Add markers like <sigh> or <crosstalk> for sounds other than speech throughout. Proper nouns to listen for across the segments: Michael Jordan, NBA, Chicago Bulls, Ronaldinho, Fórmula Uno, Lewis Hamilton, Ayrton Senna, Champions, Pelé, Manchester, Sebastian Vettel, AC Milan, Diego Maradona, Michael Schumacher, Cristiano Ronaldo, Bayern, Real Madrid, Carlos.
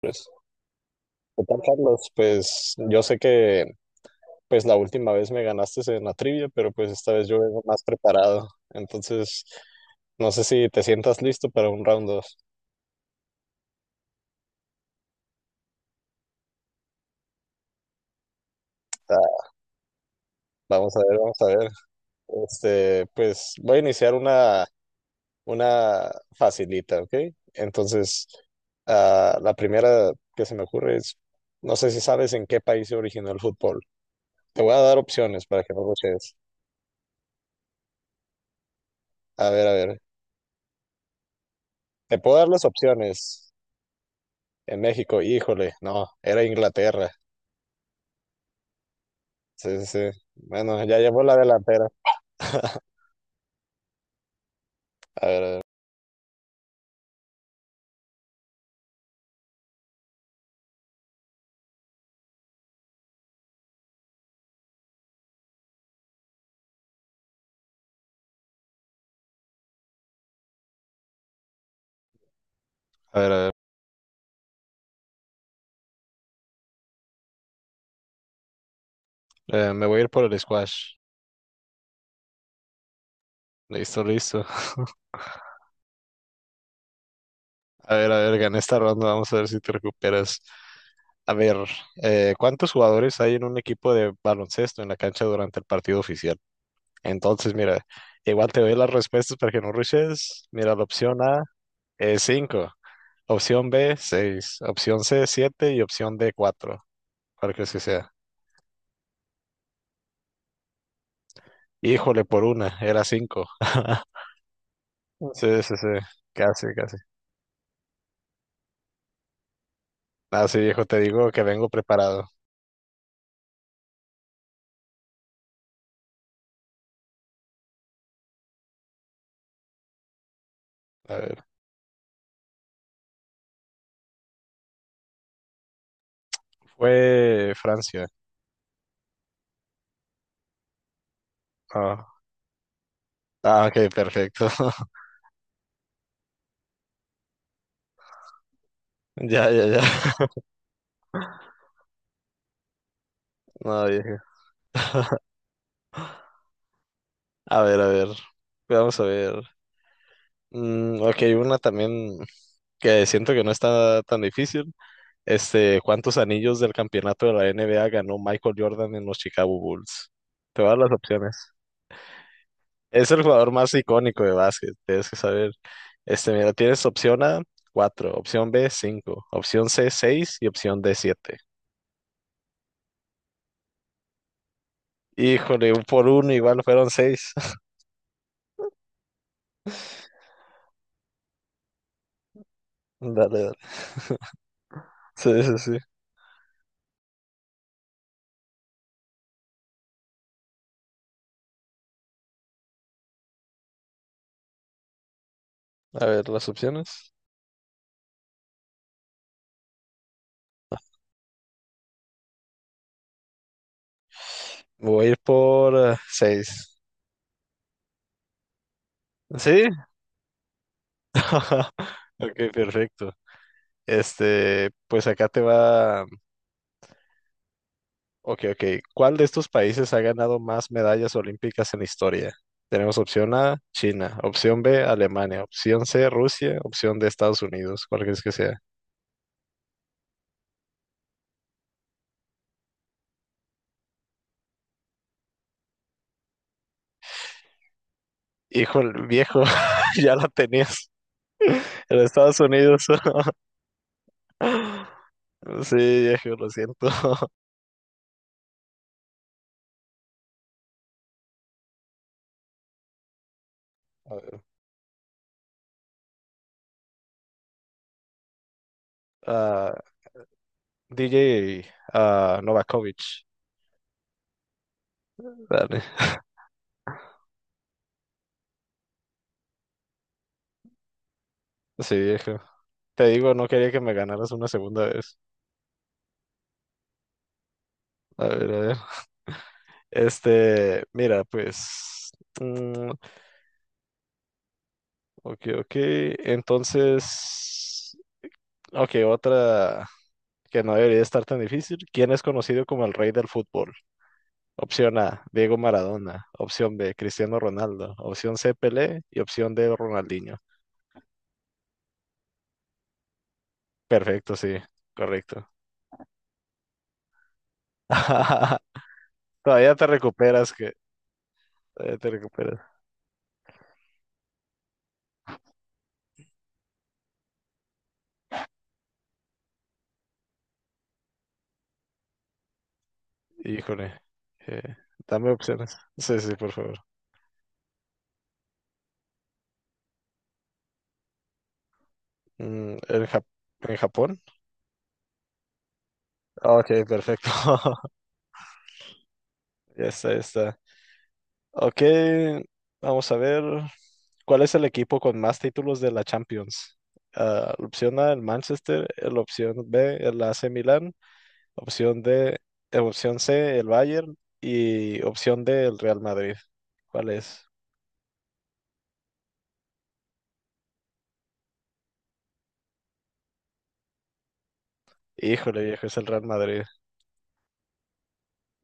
Pues, ¿qué tal, Carlos? Pues yo sé que pues la última vez me ganaste en la trivia, pero pues esta vez yo vengo más preparado. Entonces, no sé si te sientas listo para un round 2. Vamos a ver, vamos a ver. Este, pues voy a iniciar una facilita, ¿ok? Entonces, la primera que se me ocurre es, no sé si sabes en qué país se originó el fútbol. Te voy a dar opciones para que no lo cheques. A ver, a ver. Te puedo dar las opciones. En México, híjole, no, era Inglaterra. Sí, sí, sí. Bueno, ya llevó la delantera. <laughs> A ver, a ver, a ver, a ver. Me voy a ir por el squash. Listo, listo. <laughs> A ver, gané esta ronda. Vamos a ver si te recuperas. A ver, ¿cuántos jugadores hay en un equipo de baloncesto en la cancha durante el partido oficial? Entonces, mira, igual te doy las respuestas para que no rushes. Mira, la opción A es 5, opción B seis, opción C 7 y opción D 4, cualquier que sea. Híjole, por una, era cinco. <laughs> Sí, sí, sí, casi, casi. Ah, sí, hijo, te digo que vengo preparado. A ver, fue Francia. Ah, ah, ok, perfecto. <laughs> Ya, ya, ya. <laughs> No, viejo. A ver, a ver. Vamos a ver. Mm, ok, una también que siento que no está tan difícil. Este, ¿cuántos anillos del campeonato de la NBA ganó Michael Jordan en los Chicago Bulls? Te voy a dar las opciones. Es el jugador más icónico de básquet, tienes que saber. Este, mira, tienes opción A, 4, opción B, 5, opción C, 6 y opción D, siete. Híjole, un por uno igual fueron seis. <laughs> Dale, dale. Sí, sí, sí. A ver, las opciones. Voy a ir por seis. ¿Sí? <laughs> Ok, perfecto. Este, pues acá te va. Ok, ok. ¿Cuál de estos países ha ganado más medallas olímpicas en la historia? Tenemos opción A, China, opción B, Alemania, opción C, Rusia, opción D, Estados Unidos, cuál crees que sea. Híjole, viejo, <laughs> ya la tenías. <laughs> En Estados Unidos. <laughs> Sí, viejo, lo siento. <laughs> A ver, Ah, DJ Novakovic. Dale. Sí, viejo. Te digo, no quería que me ganaras una segunda vez. A ver, a ver. Este, mira, pues. Mm, ok, ok. Entonces, ok, otra que no debería estar tan difícil. ¿Quién es conocido como el rey del fútbol? Opción A, Diego Maradona. Opción B, Cristiano Ronaldo. Opción C, Pelé. Y opción D, Ronaldinho. Perfecto, sí, correcto. <laughs> Todavía te recuperas, que todavía te recuperas. Híjole, eh, dame opciones. Sí, sí, por favor. ¿En en Japón? Ok, perfecto. <laughs> Ya está, ya está. Ok, vamos a ver. ¿Cuál es el equipo con más títulos de la Champions? Ah, la opción A, el Manchester, la opción B, el AC Milan, opción D, opción C, el Bayern y opción D, el Real Madrid. ¿Cuál es? Híjole, viejo, es el Real Madrid.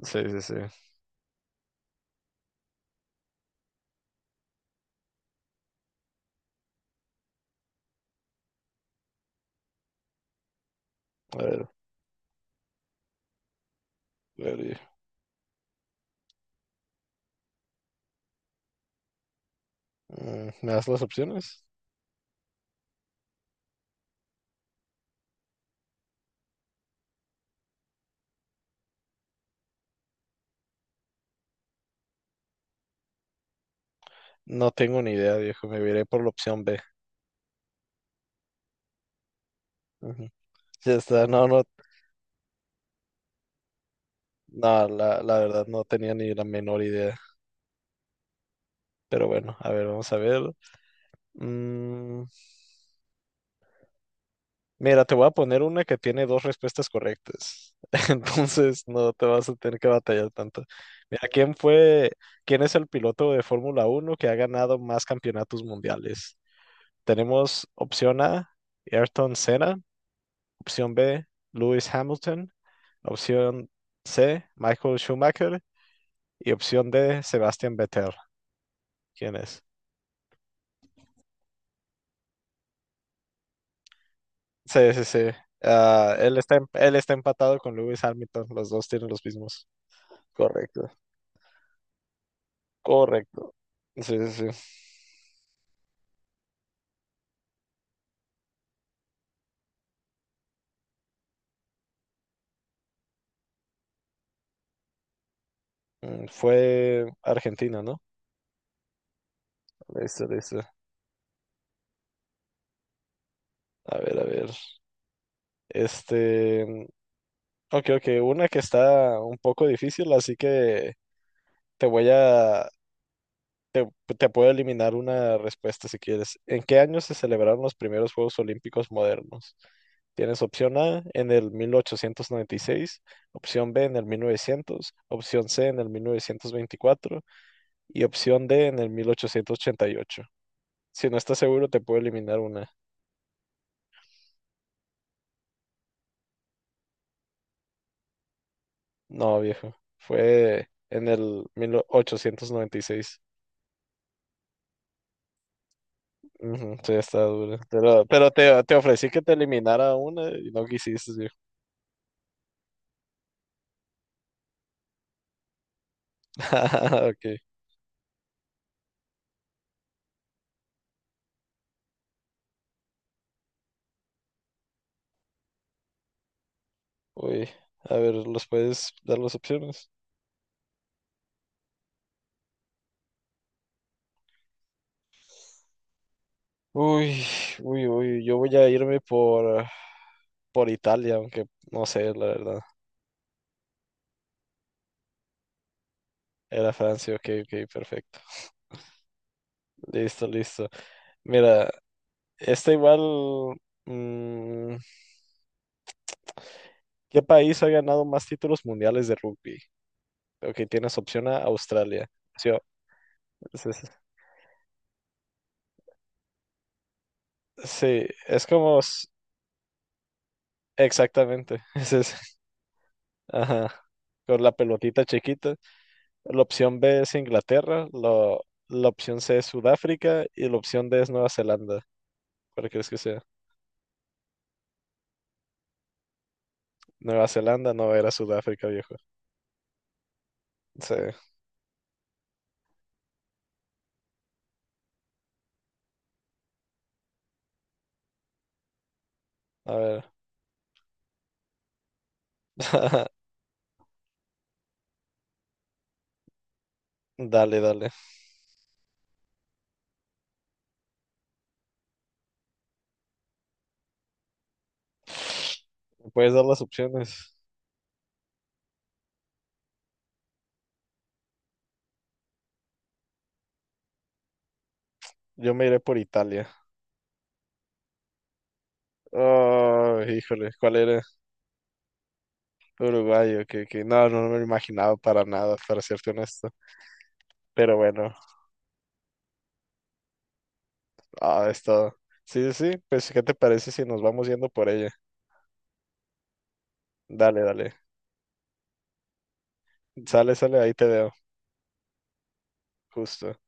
Sí, sí, sí. A ver, viejo. ¿Me das las opciones? No tengo ni idea, viejo, me iré por la opción B. Ujú. Ya está, no, no, no, la verdad no tenía ni la menor idea. Pero bueno, a ver, vamos a ver. Mm, Mira, te voy a poner una que tiene dos respuestas correctas. <laughs> Entonces no te vas a tener que batallar tanto. Mira, ¿ quién es el piloto de Fórmula Uno que ha ganado más campeonatos mundiales? Tenemos opción A, Ayrton Senna, opción B, Lewis Hamilton, opción C, Michael Schumacher y opción D, Sebastian Vettel. ¿Quién es? Sí, sí, sí. Ah, él está empatado con Lewis Hamilton. Los dos tienen los mismos. Correcto. Correcto. Sí, sí, sí. Fue Argentina, ¿no? Listo, listo. A ver, a ver. Este. Mm, ok, ok. Una que está un poco difícil, así que te voy a. Te, te puedo eliminar una respuesta si quieres. ¿En qué año se celebraron los primeros Juegos Olímpicos modernos? Tienes opción A en el 1896, opción B en el 1900, opción C en el 1924 y opción D en el 1888. Si no estás seguro, te puedo eliminar una. No, viejo. Fue en el 1896. Ujú, sí, está duro. Pero te ofrecí que te eliminara una y no quisiste, viejo. <laughs> Ok. Uy. A ver, ¿los puedes dar las opciones? Uy, uy, uy. Yo voy a irme por Italia, aunque no sé, la verdad. Era Francia, ok, ok, perfecto. Listo, listo. Mira, esta igual. mm, ¿Qué país ha ganado más títulos mundiales de rugby? Ok, tienes opción A, Australia. Sí, o- es- es- sí, es como. Exactamente. <laughs> Es ese. Ajá. Con la pelotita chiquita. La opción B es Inglaterra. La opción C es Sudáfrica. Y la opción D es Nueva Zelanda. ¿Cuál crees que sea? Nueva Zelanda, no, era Sudáfrica, viejo. Sí. A ver. <laughs> Dale, dale. ¿Me puedes dar las opciones? Yo me iré por Italia. Oh, híjole. ¿Cuál era? Uruguayo, que no, no me lo imaginaba para nada, para serte honesto. Pero bueno, es todo. Sí, sí, sí, pues ¿qué te parece si nos vamos yendo por ella? Dale, dale. Sale, sale, ahí te veo, justo.